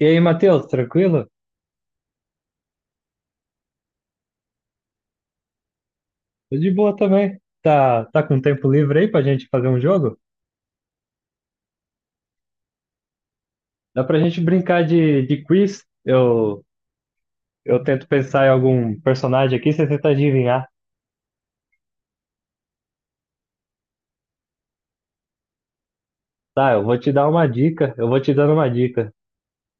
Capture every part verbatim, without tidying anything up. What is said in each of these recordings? E aí, Matheus, tranquilo? Tô de boa também. Tá, tá com tempo livre aí pra gente fazer um jogo? Dá pra gente brincar de, de quiz? Eu, eu tento pensar em algum personagem aqui, você tenta adivinhar. Tá, eu vou te dar uma dica, eu vou te dando uma dica.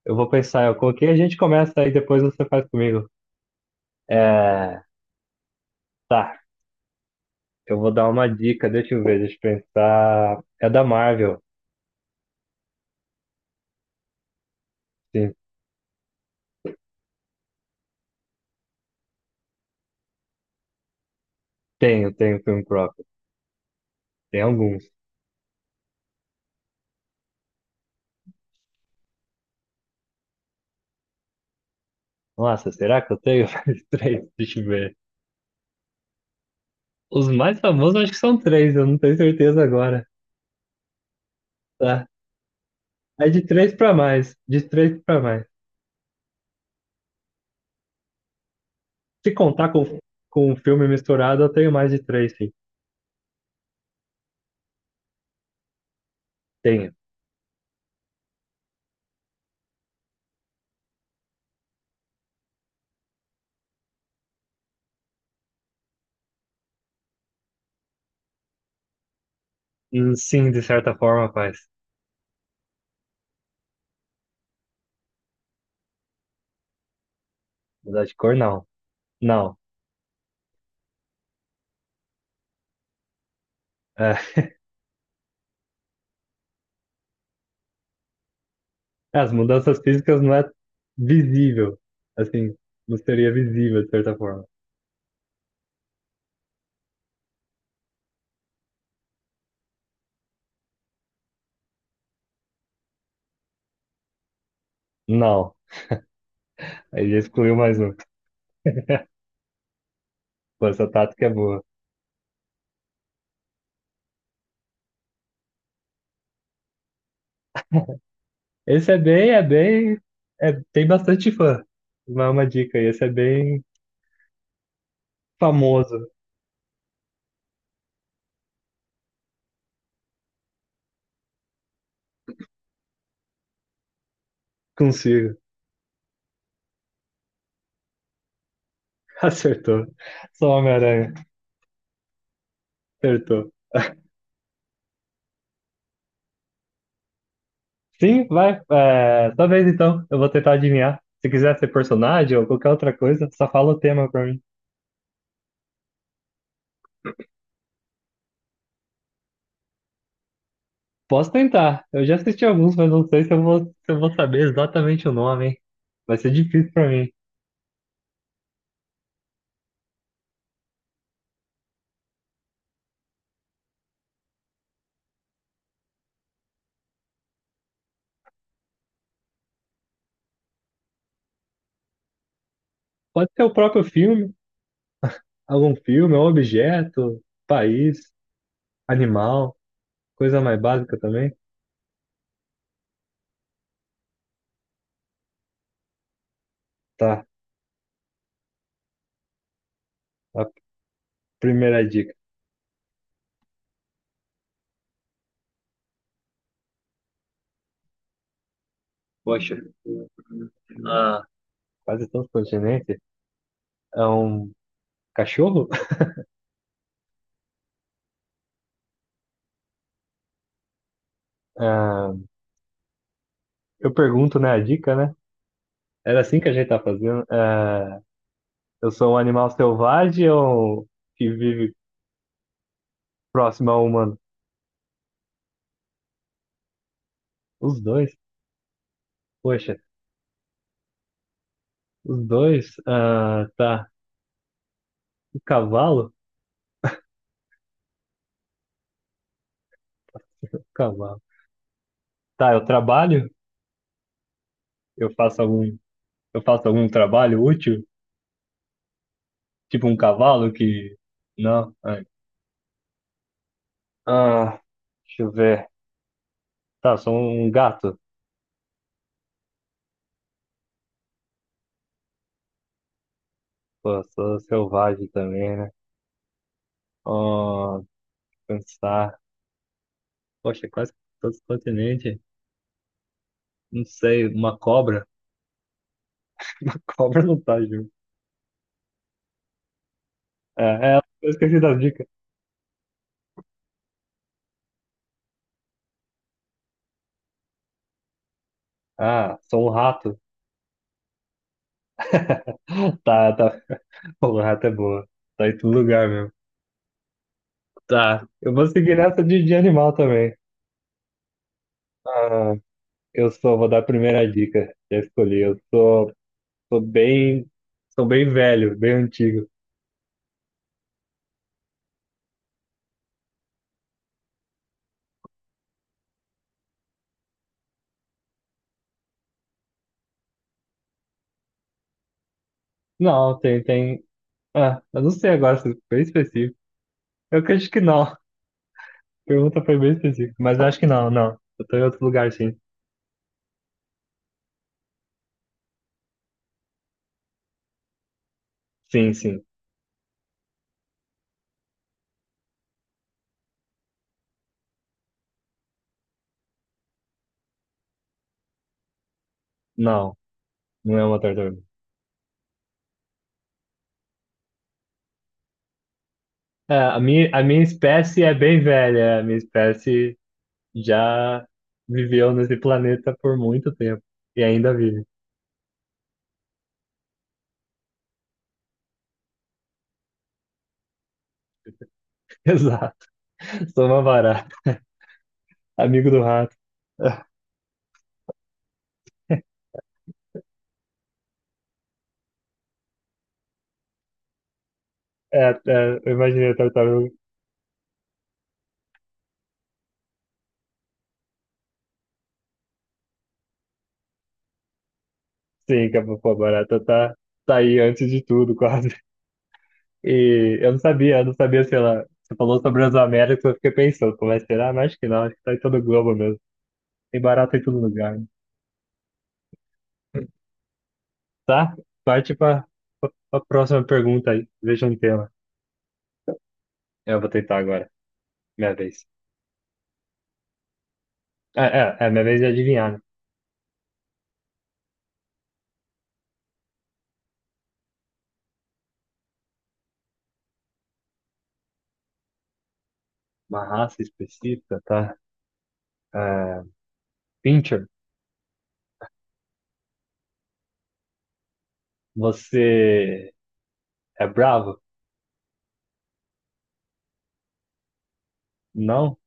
Eu vou pensar, eu coloquei, a gente começa aí, depois você faz comigo. É, tá, eu vou dar uma dica, deixa eu ver, deixa eu pensar. É da Marvel, sim. Tenho, tenho filme próprio. Tem alguns. Nossa, será que eu tenho? Mais três, deixa eu ver. Os mais famosos eu acho que são três, eu não tenho certeza agora. Tá. É de três pra mais. De três pra mais. Se contar com, com um filme misturado, eu tenho mais de três, sim. Tenho. Hum, Sim, de certa forma, faz. Mudar de cor, não. Não. É. As mudanças físicas não é visível. Assim, não seria visível, de certa forma. Não. Aí já excluiu mais um. Pô, essa tática é boa. Esse é bem, é bem. É, tem bastante fã. Uma, uma dica aí. Esse é bem famoso. Consigo. Acertou. Sou Homem-Aranha. Acertou. Sim, vai. É, talvez então. Eu vou tentar adivinhar. Se quiser ser personagem ou qualquer outra coisa, só fala o tema pra mim. Posso tentar. Eu já assisti alguns, mas não sei se eu vou, se eu vou saber exatamente o nome, hein? Vai ser difícil pra mim. Pode ser o próprio filme, algum filme, um objeto, país, animal, coisa mais básica também. Tá, a primeira dica. Poxa, ah, quase todos os continentes. É um cachorro? Ah, eu pergunto, né, a dica, né? Era assim que a gente tá fazendo. Ah, eu sou um animal selvagem ou um que vive próximo ao humano? Os dois? Poxa, os dois? Ah, tá. O cavalo? O cavalo. Tá, eu trabalho? Eu faço algum, eu faço algum trabalho útil? Tipo um cavalo que. Não. Ai. Ah, deixa eu ver. Tá, sou um gato. Pô, sou selvagem também, né? Oh, pensar. Poxa, quase todos os continentes. Não sei, uma cobra. Cobra não tá junto. É, é, eu esqueci das dicas. Ah, sou um rato. Tá, tá. O rato é boa. Tá em todo lugar mesmo. Tá. Eu vou seguir nessa de, de animal também. Ah, eu sou, vou dar a primeira dica. Já escolhi. Eu sou, sou bem, sou bem velho, bem antigo. Não, tem, tem. Ah, eu não sei agora se foi específico. Eu acho que não. A pergunta foi bem específica, mas eu acho que não, não. Eu tô em outro lugar, sim. Sim, sim. Não, não é uma tartaruga. É, a minha, a minha espécie é bem velha. A minha espécie já viveu nesse planeta por muito tempo e ainda vive. Exato. Sou uma barata, amigo do rato. É, é, eu imaginei a tartaruga. Sim, que a pô, a barata tá, tá aí antes de tudo, quase. E eu não sabia, eu não sabia se ela. Você falou sobre as Américas, eu fiquei pensando, como é que será? Mas acho que não, acho que tá em todo o globo mesmo. Tem barata em todo lugar. Né? Tá? Parte para a próxima pergunta aí. Veja um tema. Eu vou tentar agora. Minha vez. É, é, é, minha vez de adivinhar, né? Uma raça específica, tá? É, Pincher, você é bravo? Não?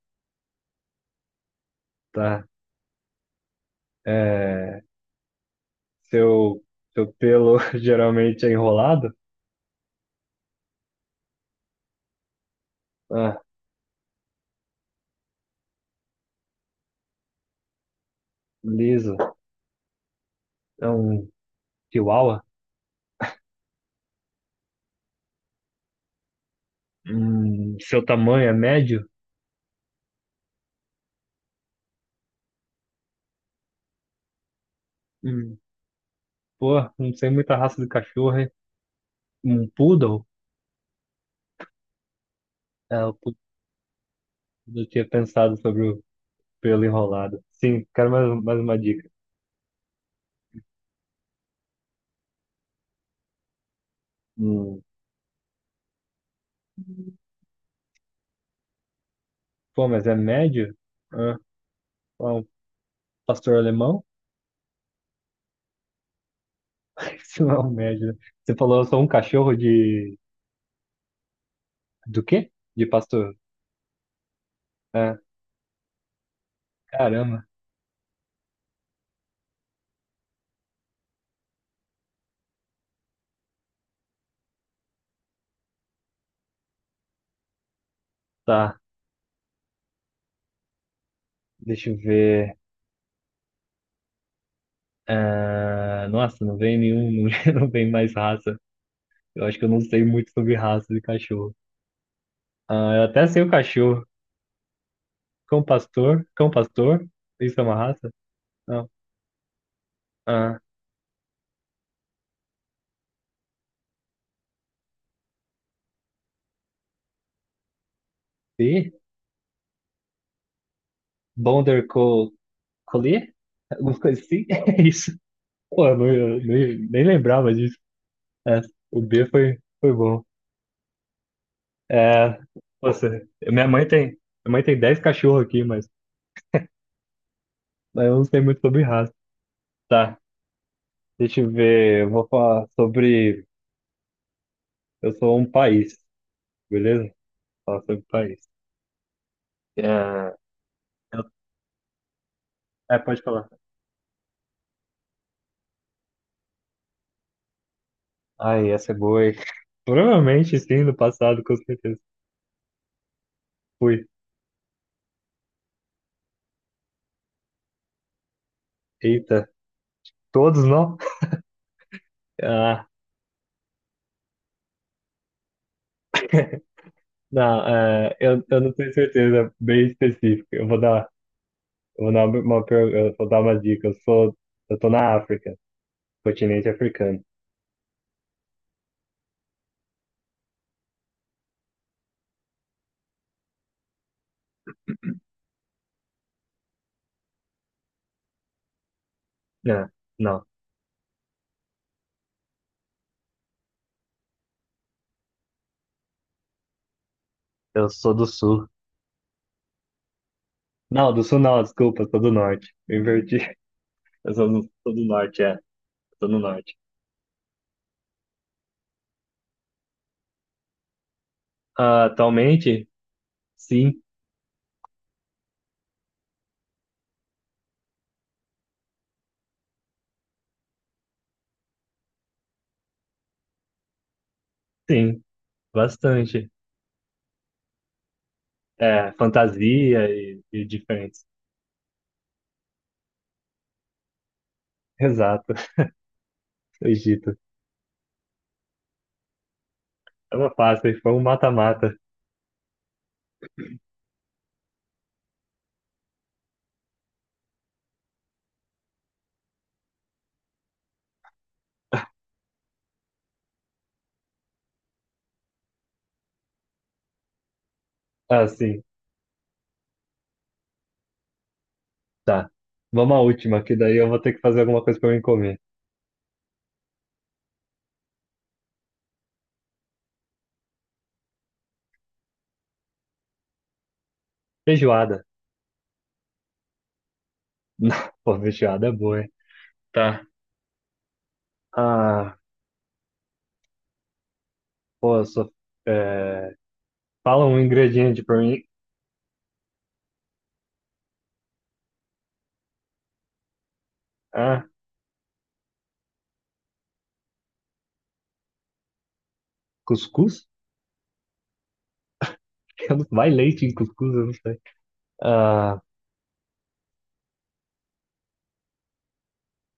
Tá. É, seu, seu pelo geralmente é enrolado? Ah, liso. É um chihuahua? Hum, seu tamanho é médio? Hum, pô, não sei muita raça de cachorro, hein? Um poodle? É, o poodle eu tinha pensado sobre o pelo enrolado. Sim, quero mais, um, mais uma dica. Hum, pô, mas é médio? Ah, ó, um pastor alemão? Isso não é um médio. Né? Você falou, eu sou um cachorro de... Do quê? De pastor. Ah, caramba. Tá, deixa eu ver. Ah, nossa, não vem nenhum, não vem mais raça. Eu acho que eu não sei muito sobre raça de cachorro. Ah, eu até sei o cachorro. Cão pastor? Cão pastor? Isso é uma raça? Não. Ah, e? Border Colher? Alguma coisa assim? É isso. Pô, eu, não, eu nem, nem lembrava disso. É, o B foi, foi bom. É, nossa. minha mãe tem, minha mãe tem dez cachorros aqui, mas, mas eu não sei muito sobre raça. Tá, deixa eu ver. Eu vou falar sobre. Eu sou um país, beleza? Falar sobre país. É, eu- é, pode falar. Ai, essa é boa, hein? Provavelmente sim, no passado, com certeza. Fui. Eita, todos não? Ah. Não, é, eu, eu não tenho certeza bem específica. Eu vou dar, eu vou dar uma, uma per- eu vou dar uma dica. Eu sou, eu tô na África, continente africano. É, não, eu sou do sul. Não, do sul não, desculpa, eu sou do norte. Eu inverti. Eu sou do, sou do norte, é. Eu tô no norte. Ah, atualmente, sim, sim, bastante. É, fantasia e, e diferentes. Exato, Egito. É uma fácil, foi um mata-mata. Ah, sim. Tá. Vamos à última, que daí eu vou ter que fazer alguma coisa pra mim comer. Feijoada. Não, pô, feijoada é boa, hein? Tá. Ah, pô, eu sou... é, Fala um ingrediente pra mim. Ah, cuscuz? Eu não- Vai leite em cuscuz, eu não sei. Ah,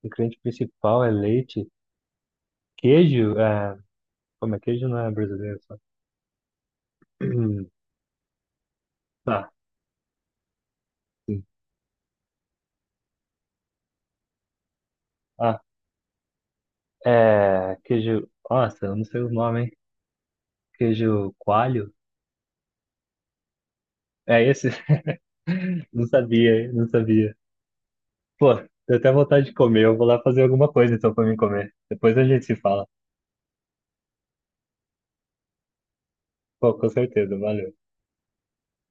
o ingrediente principal é leite. Queijo? É... Como é? Queijo não é brasileiro, só. Tá, sim. Ah, é... Queijo... Nossa, eu não sei os nomes, hein? Queijo coalho? É esse? Não sabia, hein? Não sabia. Pô, tô até vontade de comer. Eu vou lá fazer alguma coisa então pra mim comer. Depois a gente se fala. Pô, com certeza. Valeu.